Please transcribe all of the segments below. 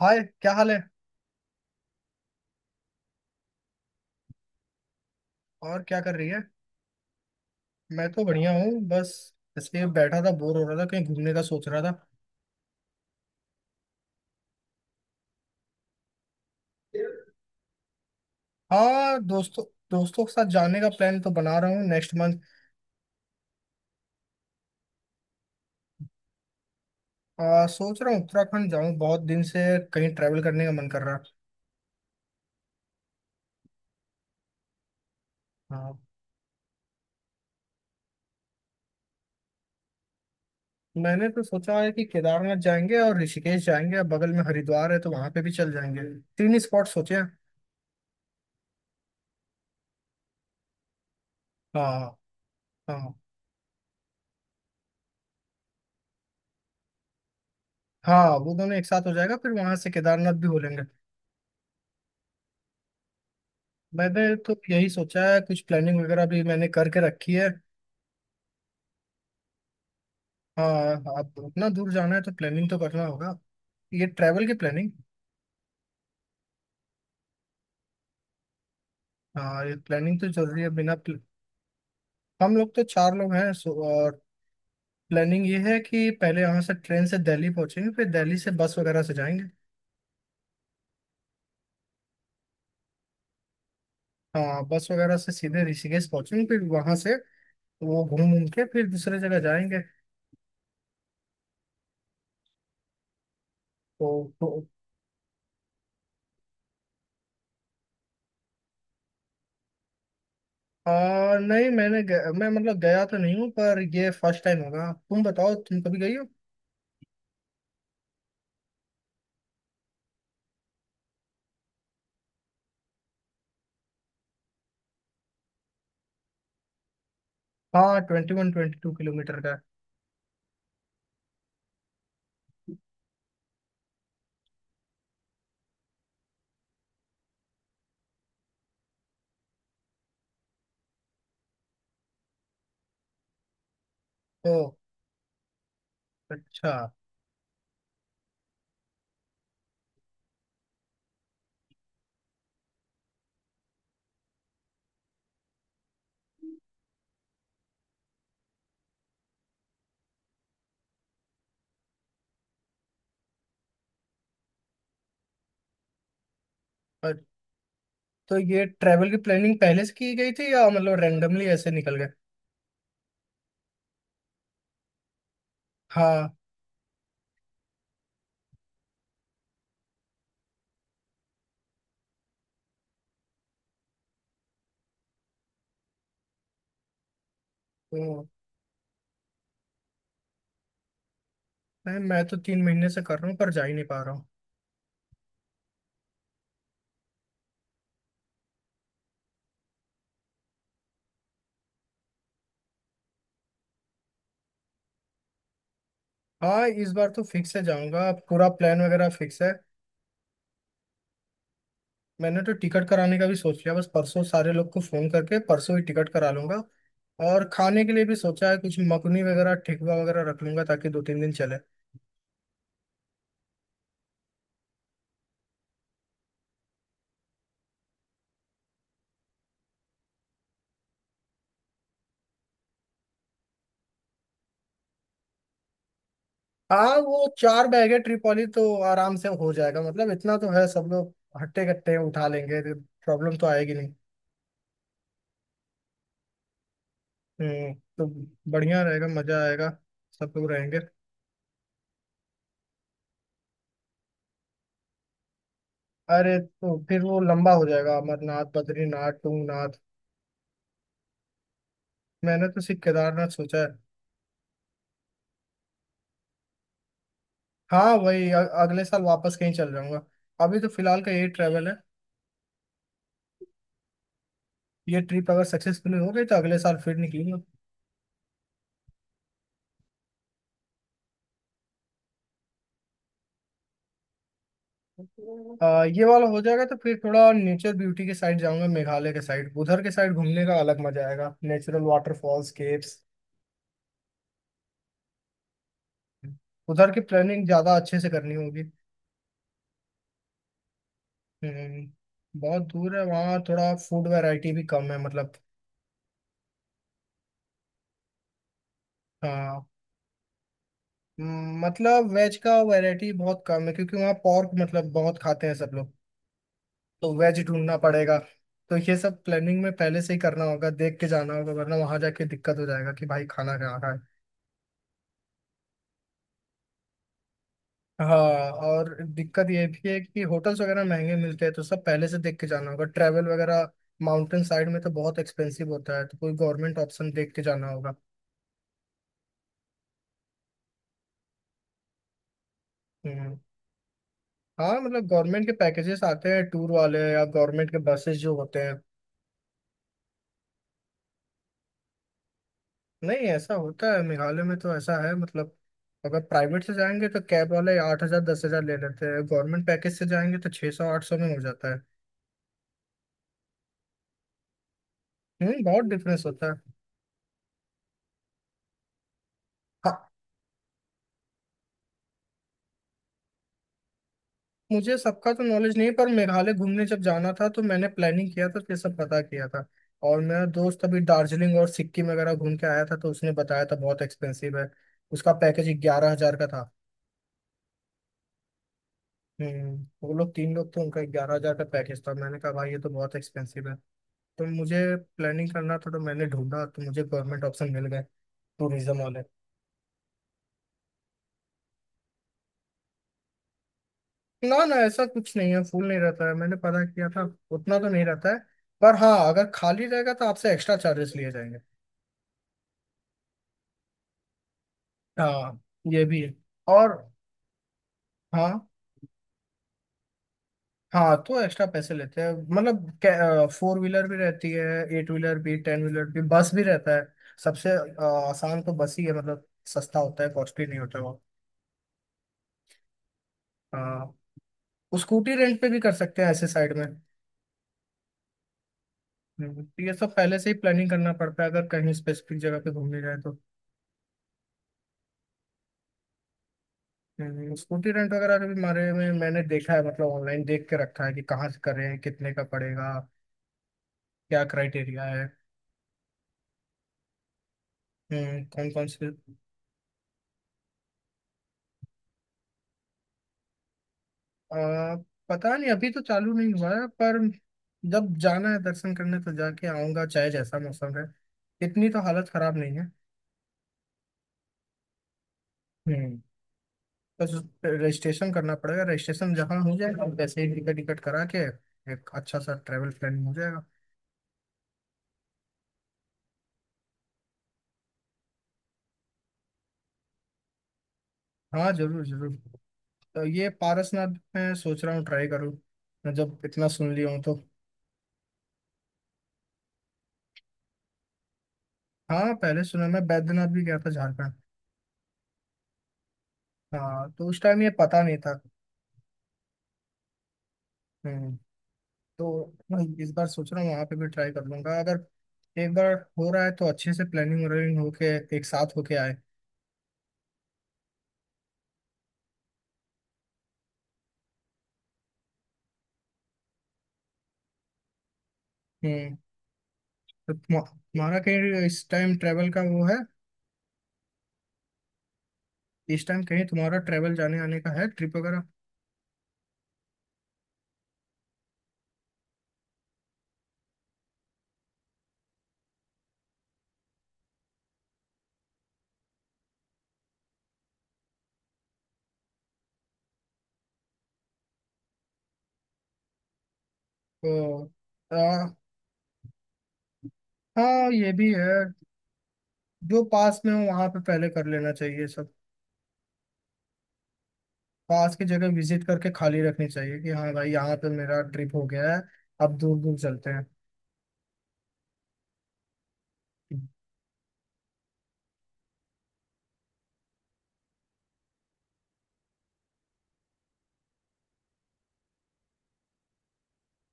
हाय, क्या हाल है। और क्या कर रही है। मैं तो बढ़िया हूँ बस। इसलिए बैठा था, बोर हो रहा था, कहीं घूमने का सोच रहा था। हाँ, दोस्तों, दोस्तों के साथ जाने का प्लान तो बना रहा हूँ नेक्स्ट मंथ। सोच रहा हूँ उत्तराखंड जाऊँ, बहुत दिन से कहीं ट्रैवल करने का मन कर रहा है। हाँ। मैंने तो सोचा है कि केदारनाथ जाएंगे और ऋषिकेश जाएंगे, और बगल में हरिद्वार है तो वहां पे भी चल जाएंगे। तीन ही स्पॉट सोचे हैं। हाँ, हाँ, हाँ। वो दोनों एक साथ हो जाएगा, फिर वहां से केदारनाथ भी हो लेंगे। मैंने तो यही सोचा है, कुछ प्लानिंग वगैरह भी मैंने करके रखी है। हाँ। अब उतना दूर जाना है तो प्लानिंग तो करना होगा। ये ट्रैवल की प्लानिंग। हाँ, ये प्लानिंग तो जरूरी है बिना प्ल... हम लोग तो चार लोग हैं, सो। और प्लानिंग ये है कि पहले यहाँ से ट्रेन से दिल्ली पहुंचेंगे, फिर दिल्ली से बस वगैरह से जाएंगे। हाँ, बस वगैरह से सीधे ऋषिकेश पहुंचेंगे, फिर वहां से वो घूम घूम के फिर दूसरे जगह जाएंगे। तो। नहीं, मैं मतलब गया तो नहीं हूँ, पर ये फर्स्ट टाइम होगा। तुम बताओ तुम कभी गई हो। हाँ, 21-22 किलोमीटर का है। ओह। अच्छा। अ- तो ये ट्रैवल की प्लानिंग पहले से की गई थी या मतलब रैंडमली ऐसे निकल गए। हाँ तो मैं तो 3 महीने से कर रहा हूँ पर जा ही नहीं पा रहा हूँ। हाँ, इस बार तो फिक्स है, जाऊंगा, पूरा प्लान वगैरह फिक्स है। मैंने तो टिकट कराने का भी सोच लिया, बस परसों सारे लोग को फोन करके परसों ही टिकट करा लूंगा। और खाने के लिए भी सोचा है, कुछ मकुनी वगैरह, ठेकुआ वगैरह रख लूंगा ताकि 2-3 दिन चले। हाँ, वो चार बैग है ट्रिपॉली तो आराम से हो जाएगा मतलब, इतना तो है, सब लोग हट्टे कट्टे उठा लेंगे, प्रॉब्लम तो आएगी नहीं। हम्म। तो बढ़िया रहेगा, मजा आएगा, सब लोग रहेंगे। अरे तो फिर वो लंबा हो जाएगा, अमरनाथ, बद्रीनाथ, तुंगनाथ। मैंने तो सिर्फ केदारनाथ सोचा है। हाँ वही अगले साल वापस कहीं चल जाऊंगा। अभी तो फिलहाल का यही ट्रैवल है। ये ट्रिप अगर सक्सेसफुल हो गई तो अगले साल फिर निकलूंगा। ये वाला हो जाएगा तो फिर थोड़ा नेचर ब्यूटी के साइड जाऊंगा, मेघालय के साइड, उधर के साइड घूमने का अलग मजा आएगा, नेचुरल वाटरफॉल्स, केव्स। उधर की प्लानिंग ज्यादा अच्छे से करनी होगी। हम्म, बहुत दूर है वहाँ, थोड़ा फूड वैरायटी भी कम है मतलब। हाँ। मतलब वेज का वैरायटी बहुत कम है क्योंकि वहाँ पोर्क मतलब बहुत खाते हैं सब लोग। तो वेज ढूंढना पड़ेगा। तो ये सब प्लानिंग में पहले से ही करना होगा, देख के जाना होगा वरना वहाँ जाके दिक्कत हो जाएगा कि भाई खाना कहाँ का। हाँ, और दिक्कत ये भी है कि होटल्स वगैरह महंगे मिलते हैं, तो सब पहले से देख के जाना होगा, ट्रैवल वगैरह। माउंटेन साइड में तो बहुत एक्सपेंसिव होता है, तो कोई गवर्नमेंट ऑप्शन देख के जाना होगा। हम्म। हाँ मतलब गवर्नमेंट के पैकेजेस आते हैं टूर वाले, या गवर्नमेंट के बसेस जो होते हैं। नहीं, ऐसा होता है, मेघालय में तो ऐसा है मतलब। अगर प्राइवेट से जाएंगे तो कैब वाले 8,000-10,000 ले लेते हैं, गवर्नमेंट पैकेज से जाएंगे तो 600-800 में हो जाता है। हम्म, बहुत डिफरेंस होता है। हाँ। मुझे सबका तो नॉलेज नहीं पर मेघालय घूमने जब जाना था तो मैंने प्लानिंग किया था तो ये सब पता किया था। और मेरा दोस्त अभी दार्जिलिंग और सिक्किम वगैरह घूम के आया था तो उसने बताया था बहुत एक्सपेंसिव है। उसका पैकेज 11,000 का था। हम्म। वो लोग तीन लोग थे, उनका 11,000 का पैकेज था, मैंने कहा भाई ये तो बहुत एक्सपेंसिव है। तो मुझे प्लानिंग करना था तो मैंने ढूंढा तो मुझे गवर्नमेंट ऑप्शन मिल गए, टूरिज्म वाले। ना, ना, ऐसा कुछ नहीं है, फुल नहीं रहता है, मैंने पता किया था। उतना तो नहीं रहता है। पर हाँ, अगर खाली रहेगा तो आपसे एक्स्ट्रा चार्जेस लिए जाएंगे। हाँ, ये भी है। और हाँ, हाँ, तो एक्स्ट्रा पैसे लेते हैं मतलब, फोर व्हीलर भी रहती है, एट व्हीलर भी, टेन व्हीलर भी, बस भी रहता है। सबसे आसान तो बस ही है मतलब, सस्ता होता है, कॉस्टली नहीं होता वो। हाँ, स्कूटी रेंट पे भी कर सकते हैं ऐसे साइड में। तो ये सब पहले से ही प्लानिंग करना पड़ता है अगर कहीं स्पेसिफिक जगह पे घूमने जाए तो। स्कूटी रेंट वगैरह के भी बारे में मैंने देखा है मतलब, ऑनलाइन देख के रखा है कि कहाँ से करें, कितने का पड़ेगा, क्या क्राइटेरिया है। कौन कौन से। आ, पता नहीं, अभी तो चालू नहीं हुआ है, पर जब जाना है दर्शन करने तो जाके आऊंगा चाहे जैसा मौसम है। इतनी तो हालत खराब नहीं है। हम्म, बस रजिस्ट्रेशन करना पड़ेगा, रजिस्ट्रेशन जहाँ हो जाएगा वैसे ही टिकट टिकट करा के एक अच्छा सा ट्रैवल प्लानिंग हो जाएगा। हाँ, जरूर, जरूर। तो ये पारसनाथ मैं सोच रहा हूँ ट्राई करूँ, मैं जब इतना सुन लिया हूँ तो। हाँ, पहले सुना, मैं बैद्यनाथ भी गया था झारखंड। हाँ तो उस टाइम ये पता नहीं था। हम्म, तो इस बार सोच रहा हूँ वहां पे भी ट्राई कर लूंगा, अगर एक बार हो रहा है तो अच्छे से प्लानिंग व्लानिंग होके एक साथ होके आए। हम्म। तो तुम्हारा कहीं इस टाइम ट्रेवल का वो है। इस टाइम कहीं तुम्हारा ट्रेवल जाने आने का है, ट्रिप वगैरह। तो आ, हाँ, ये भी है। जो पास में हो वहां पे पहले कर लेना चाहिए सब। पास की जगह विजिट करके खाली रखनी चाहिए कि हाँ भाई यहाँ पे मेरा ट्रिप हो गया है, अब दूर दूर चलते हैं।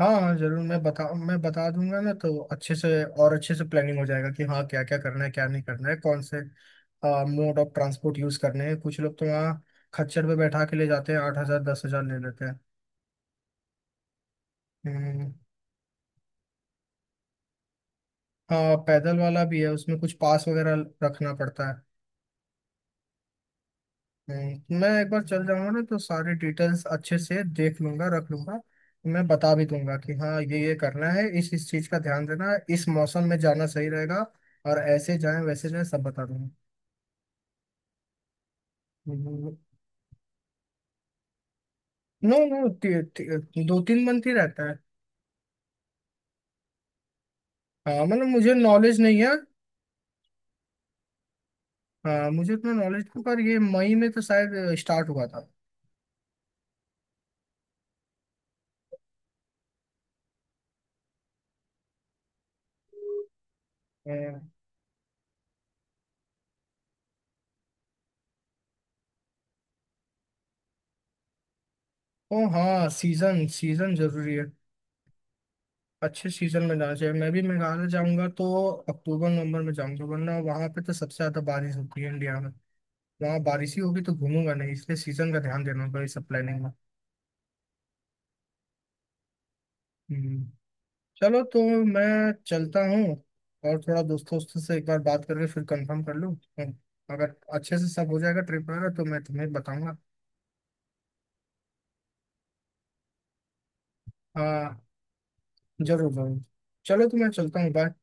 हाँ, हाँ, जरूर, मैं बता दूंगा ना तो अच्छे से। और अच्छे से प्लानिंग हो जाएगा कि हाँ, क्या क्या करना है, क्या नहीं करना है, कौन से मोड ऑफ ट्रांसपोर्ट यूज करने हैं। कुछ लोग तो वहाँ खच्चर पे बैठा के ले जाते हैं, 8,000-10,000 ले लेते हैं। हम्म। हाँ, पैदल वाला भी है उसमें, कुछ पास वगैरह रखना पड़ता है। मैं एक बार चल जाऊंगा ना तो सारे डिटेल्स अच्छे से देख लूंगा, रख लूंगा। मैं बता भी दूंगा कि हाँ, ये करना है, इस चीज का ध्यान देना है, इस मौसम में जाना सही रहेगा और ऐसे जाएं वैसे जाएं सब बता। हम्म। No, no. 2-3 मंथ ही रहता है। हाँ, मतलब मुझे नॉलेज नहीं है। हाँ, मुझे इतना नॉलेज नहीं पर ये मई में तो शायद स्टार्ट हुआ था। हाँ। ओ हाँ, सीजन सीजन जरूरी है। अच्छे सीजन में जाना चाहिए, मैं भी मेघालय जाऊंगा तो अक्टूबर नवंबर में जाऊंगा वरना वहां पे तो सबसे ज्यादा बारिश होती है इंडिया में। वहाँ बारिश ही होगी तो घूमूंगा नहीं, इसलिए सीजन का ध्यान देना होगा इस सब प्लानिंग में। हम्म। चलो तो मैं चलता हूँ, और थोड़ा दोस्तों वोस्तों से एक बार बात करके फिर कंफर्म कर लूँ। हम्म, अगर अच्छे से सब हो जाएगा ट्रिप वगैरह तो मैं तुम्हें बताऊंगा। हाँ, जरूर, जरूर। चलो तो मैं चलता हूँ, बाय बाय।